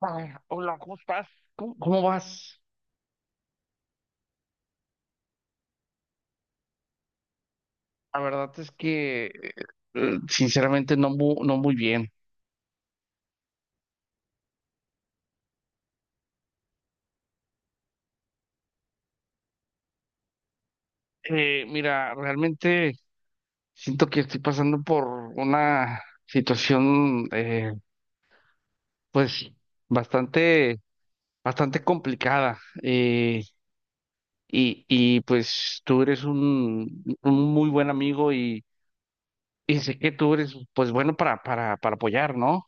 Ay, hola, ¿cómo estás? ¿Cómo vas? La verdad es que, sinceramente, no, no muy bien. Mira, realmente siento que estoy pasando por una situación, pues, bastante, bastante complicada. Pues, tú eres un muy buen amigo y sé que tú eres, pues, bueno para, para apoyar, ¿no?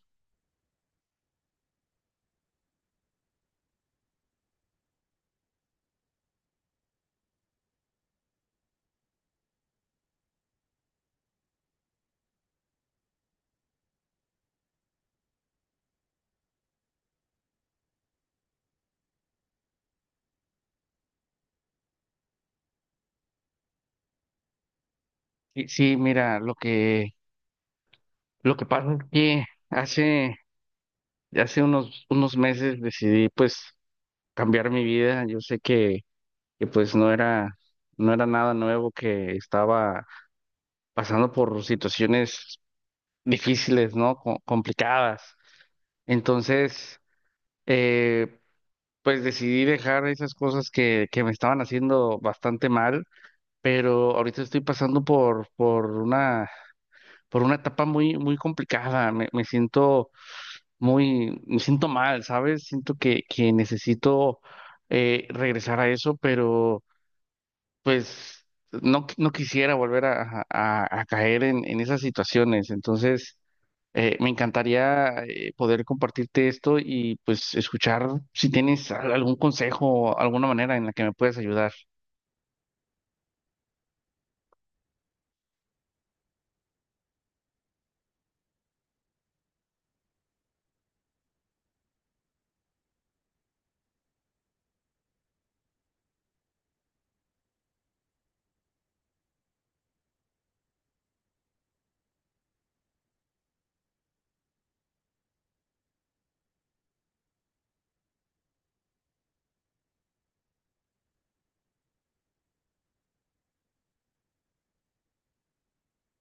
Sí, sí, mira, lo que pasa es que hace... Ya hace unos meses decidí pues cambiar mi vida. Yo sé que, pues no era nada nuevo, que estaba pasando por situaciones difíciles, ¿no? Complicadas. Entonces, eh, pues decidí dejar esas cosas que me estaban haciendo bastante mal, pero ahorita estoy pasando por una etapa muy, muy complicada. Me siento muy, me siento mal, ¿sabes? Siento que necesito regresar a eso, pero pues no, no quisiera volver a, a caer en esas situaciones. Entonces, me encantaría poder compartirte esto y pues escuchar si tienes algún consejo, alguna manera en la que me puedas ayudar.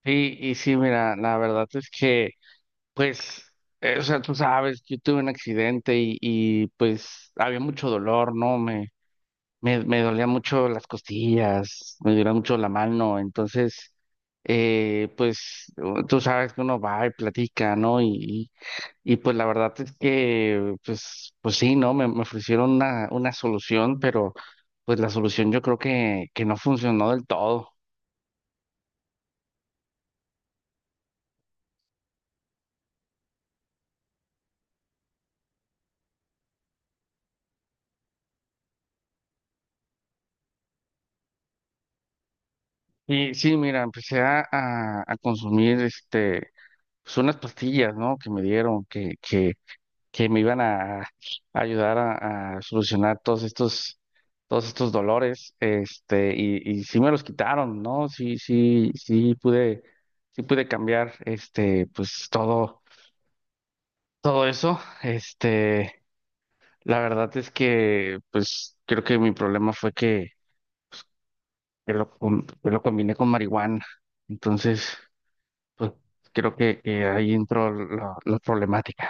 Sí, y sí, mira, la verdad es que pues... O sea, tú sabes, yo tuve un accidente y pues había mucho dolor, ¿no? Me dolía mucho las costillas, me dolía mucho la mano, entonces, pues tú sabes que uno va y platica, ¿no? Y, y, pues la verdad es que, pues, pues sí, ¿no? Me ofrecieron una solución, pero pues la solución yo creo que no funcionó del todo. Y sí, mira, empecé a, a consumir, este, pues unas pastillas, ¿no? Que me dieron, que me iban a ayudar a solucionar todos estos dolores, este, y sí me los quitaron, ¿no? Sí, sí pude cambiar, este, pues todo, todo eso, este, la verdad es que, pues, creo que mi problema fue que, que lo combiné con marihuana, entonces, pues, creo que ahí entró la problemática.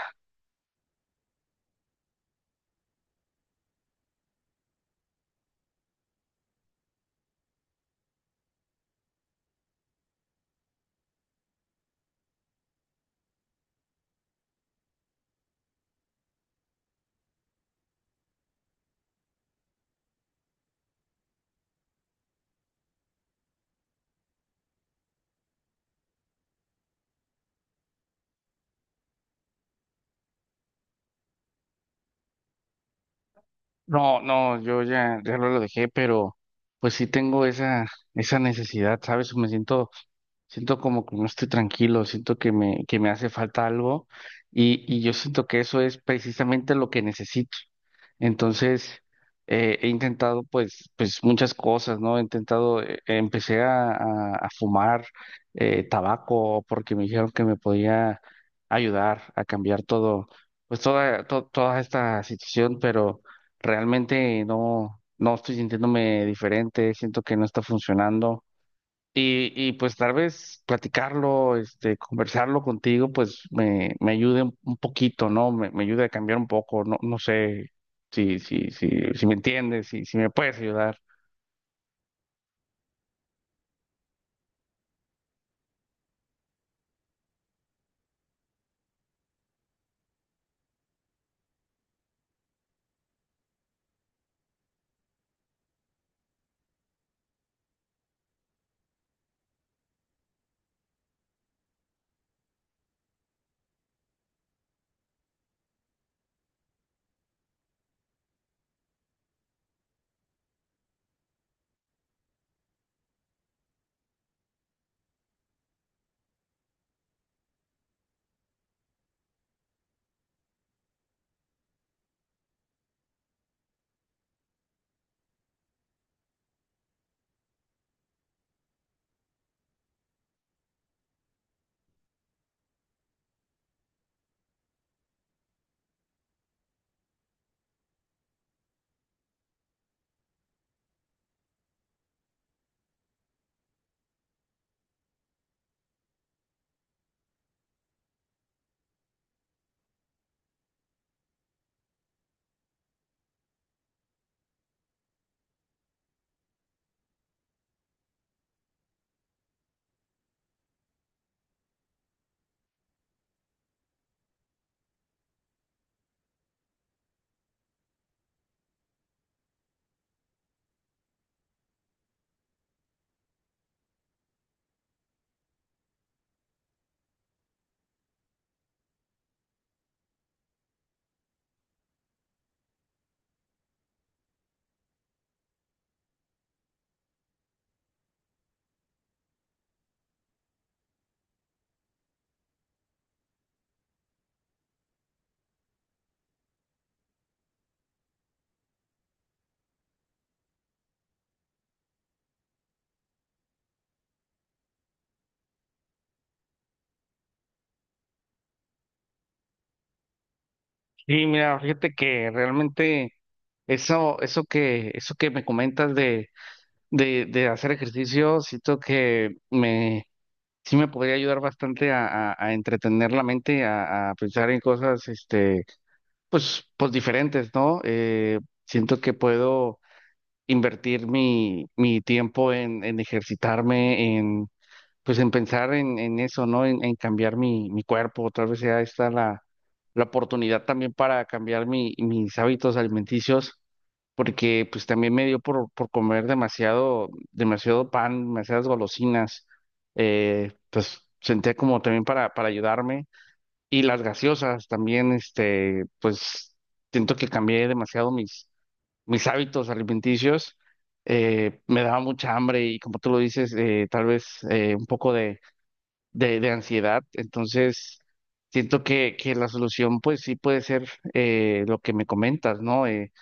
No, no, yo ya, ya no lo dejé, pero pues sí tengo esa, esa necesidad, ¿sabes? Me siento. Siento como que no estoy tranquilo, siento que me hace falta algo y yo siento que eso es precisamente lo que necesito. Entonces, he intentado pues, pues muchas cosas, ¿no? He intentado, empecé a, a fumar tabaco porque me dijeron que me podía ayudar a cambiar todo, pues toda, toda esta situación, pero realmente no, no estoy sintiéndome diferente, siento que no está funcionando. Y pues tal vez platicarlo, este, conversarlo contigo, pues me ayude un poquito, ¿no? Me ayude a cambiar un poco, no, no sé si, si me entiendes, si, si me puedes ayudar. Y mira, fíjate que realmente eso, eso que me comentas de, de hacer ejercicio, siento que me, sí me podría ayudar bastante a, a entretener la mente, a pensar en cosas, este. Pues, pues diferentes, ¿no? Siento que puedo invertir mi, mi tiempo en ejercitarme, en, pues en pensar en eso, ¿no? En cambiar mi, mi cuerpo. Tal vez sea esta la, la oportunidad también para cambiar mi, mis hábitos alimenticios, porque pues también me dio por comer demasiado, demasiado pan, demasiadas golosinas. Pues sentía como también para ayudarme. Y las gaseosas también, este, pues siento que cambié demasiado mis, mis hábitos alimenticios. Me daba mucha hambre y como tú lo dices, tal vez un poco de, de ansiedad. Entonces, siento que la solución pues sí puede ser lo que me comentas, ¿no?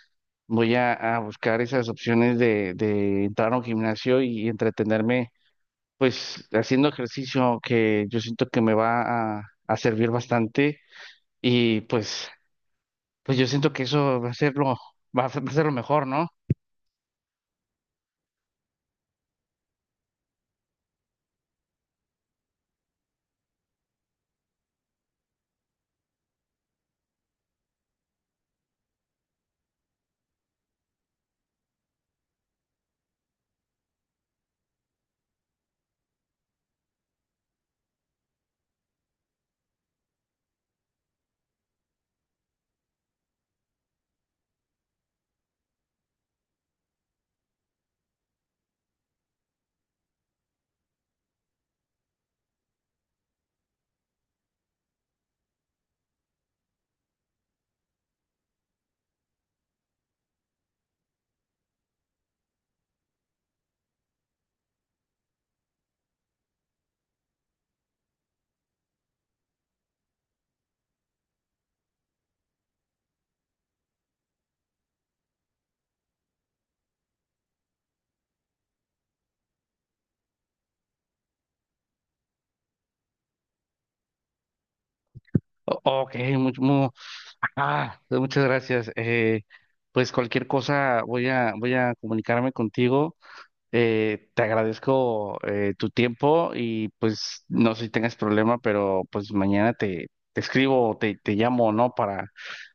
Voy a buscar esas opciones de entrar a un gimnasio y entretenerme pues haciendo ejercicio que yo siento que me va a servir bastante y pues, pues yo siento que eso va a ser lo, va a ser lo mejor, ¿no? Ok, mucho, ah, pues muchas gracias. Pues cualquier cosa voy a, voy a comunicarme contigo. Te agradezco tu tiempo y pues no sé si tengas problema, pero pues mañana te, te escribo o te llamo, ¿no? Para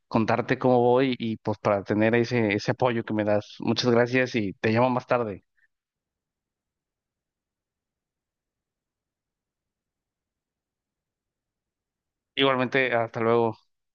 contarte cómo voy y pues para tener ese, ese apoyo que me das. Muchas gracias y te llamo más tarde. Igualmente, hasta luego.